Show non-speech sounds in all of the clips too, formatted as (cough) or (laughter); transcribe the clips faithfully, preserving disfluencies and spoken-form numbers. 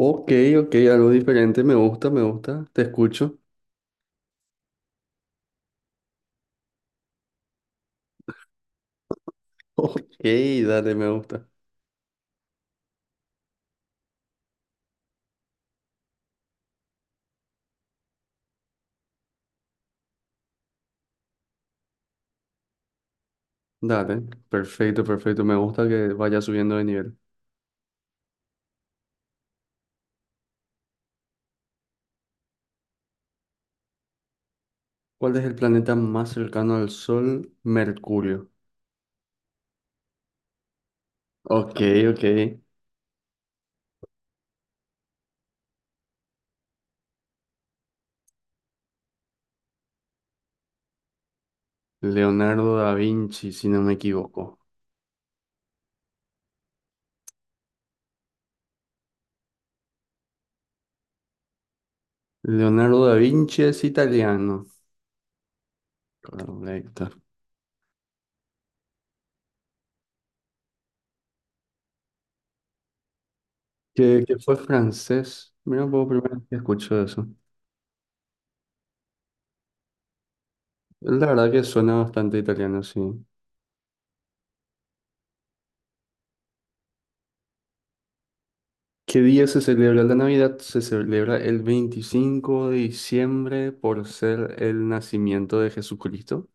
Ok, ok, algo diferente, me gusta, me gusta, te escucho. (laughs) Ok, dale, me gusta. Dale, perfecto, perfecto, me gusta que vaya subiendo de nivel. ¿Cuál es el planeta más cercano al Sol? Mercurio. Ok, ok. Leonardo da Vinci, si no me equivoco. Leonardo da Vinci es italiano. Correcto. Que, que fue francés. Mira, un poco primero que escucho eso. La verdad que suena bastante italiano, sí. ¿Qué día se celebra la Navidad? Se celebra el veinticinco de diciembre por ser el nacimiento de Jesucristo.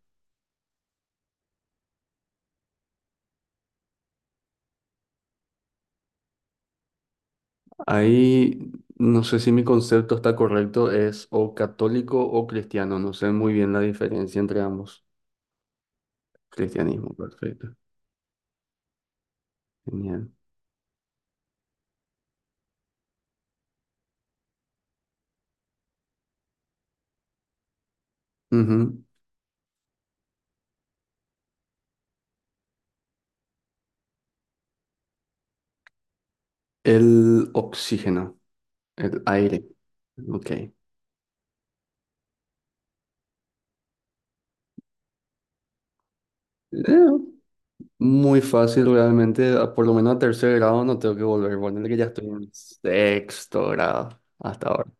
Ahí no sé si mi concepto está correcto, es o católico o cristiano, no sé muy bien la diferencia entre ambos. Cristianismo, perfecto. Genial. Ujú. El oxígeno, el aire. Ok. Eh, muy fácil realmente, a- por lo menos a tercer grado no tengo que volver, bueno, que ya estoy en sexto grado hasta ahora.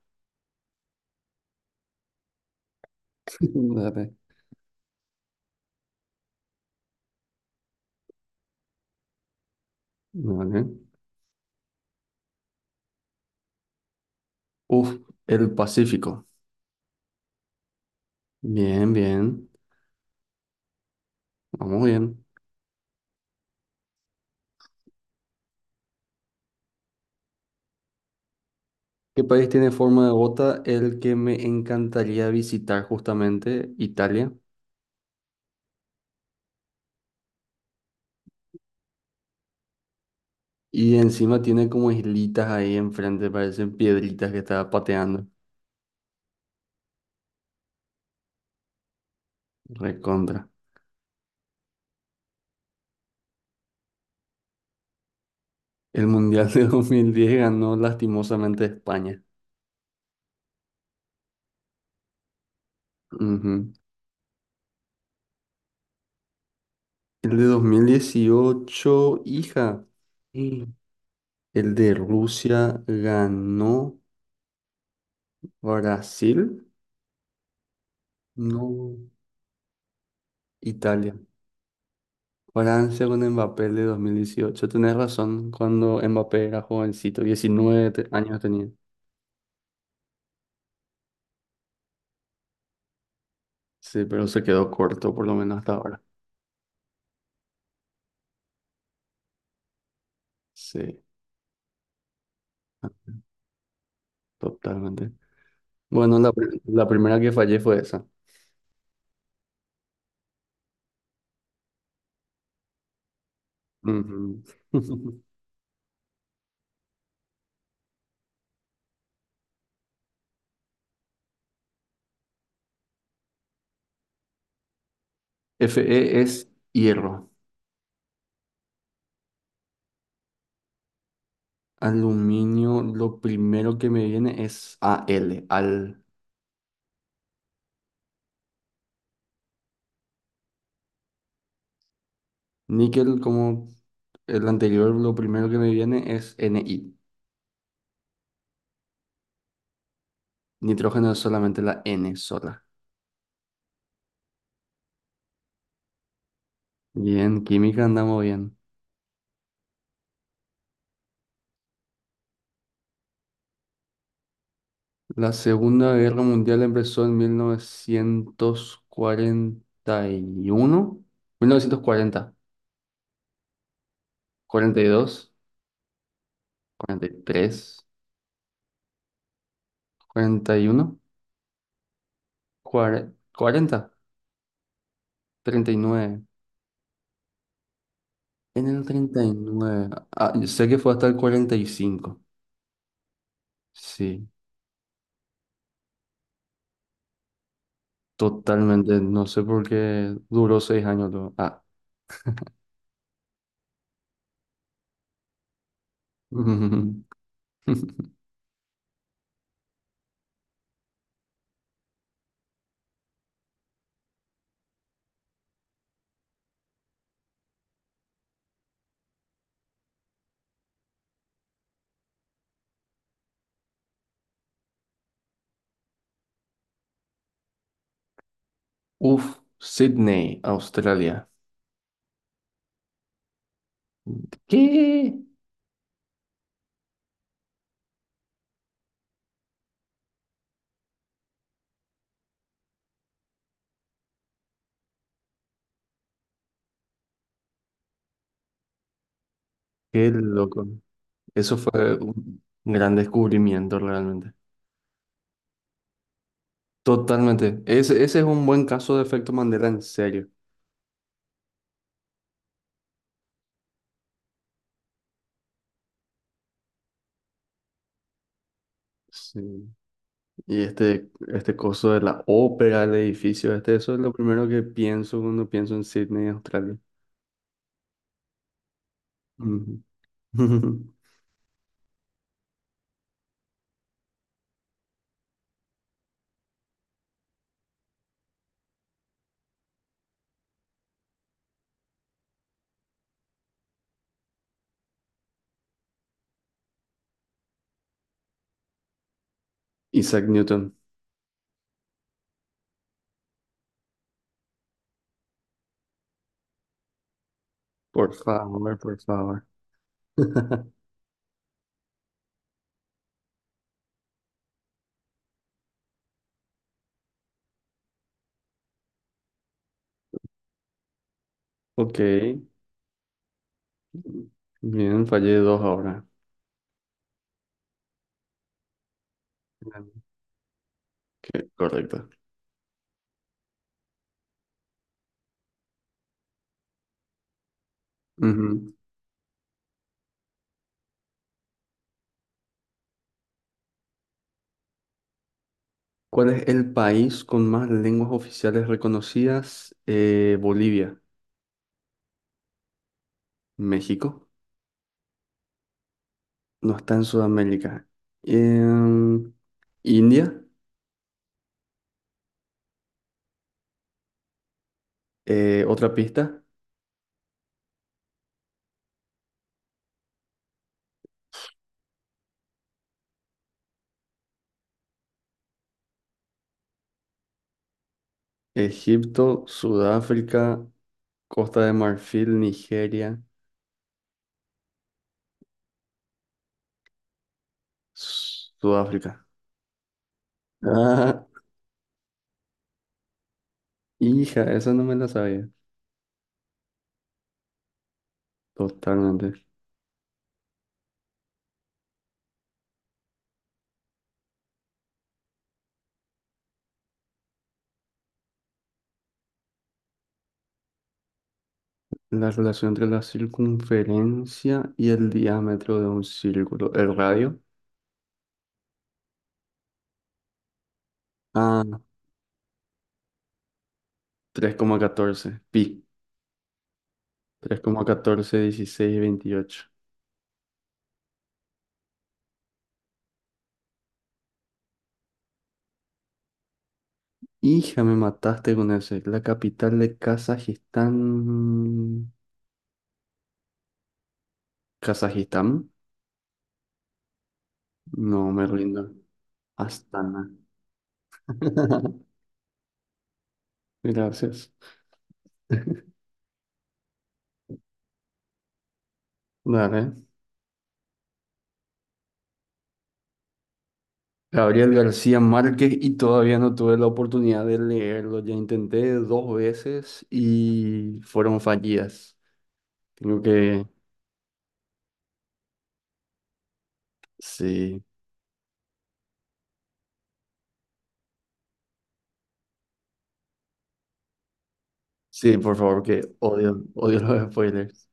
Dale, dale. Uf, el Pacífico. Bien, bien. Vamos bien. ¿Qué país tiene forma de bota? El que me encantaría visitar justamente, Italia. Y encima tiene como islitas ahí enfrente, parecen piedritas que estaba pateando. Recontra. El Mundial de (laughs) dos mil diez ganó, lastimosamente, España. Ujú. El de dos mil dieciocho, hija. Mm. El de Rusia ganó Brasil. No, Italia. ¿Francia con Mbappé el de dos mil dieciocho? Tenés razón, cuando Mbappé era jovencito, diecinueve te- años tenía. Sí, pero se quedó corto por lo menos hasta ahora. Sí, totalmente. Bueno, la, pri- la primera que fallé fue esa. Ujú. (laughs) Fe es hierro. Aluminio, lo primero que me viene es Al. Al níquel, como el anterior, lo primero que me viene es Ni. Nitrógeno es solamente la N sola. Bien, química andamos bien. La Segunda Guerra Mundial empezó en mil novecientos cuarenta y uno, mil novecientos cuarenta, cuarenta y dos, cuarenta y tres, cuarenta y uno, cuare- cuarenta, treinta y nueve. En el treinta y nueve. Ah, yo sé que fue hasta el cuarenta y cinco. Sí, totalmente. No sé por qué duró seis años luego. Ah. (laughs) Uf, Sydney, Australia. ¿Qué? Qué loco. Eso fue un un gran descubrimiento realmente. Totalmente. Ese, ese es un buen caso de efecto Mandela, en serio. Sí. Y este, este coso de la ópera, el edificio, este, eso es lo primero que pienso cuando pienso en Sydney, Australia. Ujú. (laughs) Isaac Newton, por favor, por favor. (laughs) Ok. Bien, fallé dos ahora. Ok, correcto. Ujú. ¿Cuál es el país con más lenguas oficiales reconocidas? Eh, Bolivia, México, no está en Sudamérica. Em, India, eh, otra pista. Egipto, Sudáfrica, Costa de Marfil, Nigeria, Sudáfrica. Ah, (laughs) hija, esa no me la sabía. Totalmente. La relación entre la circunferencia y el diámetro de un círculo. El radio. Ah, tres coma catorce, pi. Tres coma catorce dieciséis veintiocho. Hija, me mataste con ese. La capital de Kazajistán. ¿Kazajistán? No, me rindo. Astana. (laughs) Gracias. Dale. Gabriel García Márquez, y todavía no tuve la oportunidad de leerlo. Ya intenté dos veces y fueron fallidas. Tengo que... Sí. Sí, por favor, que odio, odio los spoilers.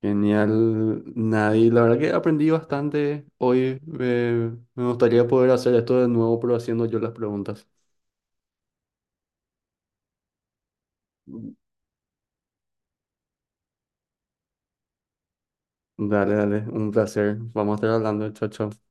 Genial, Nadie. La verdad que aprendí bastante hoy. Eh, me gustaría poder hacer esto de nuevo, pero haciendo yo las preguntas. Dale, dale, un placer. Vamos a estar hablando, chao, chao.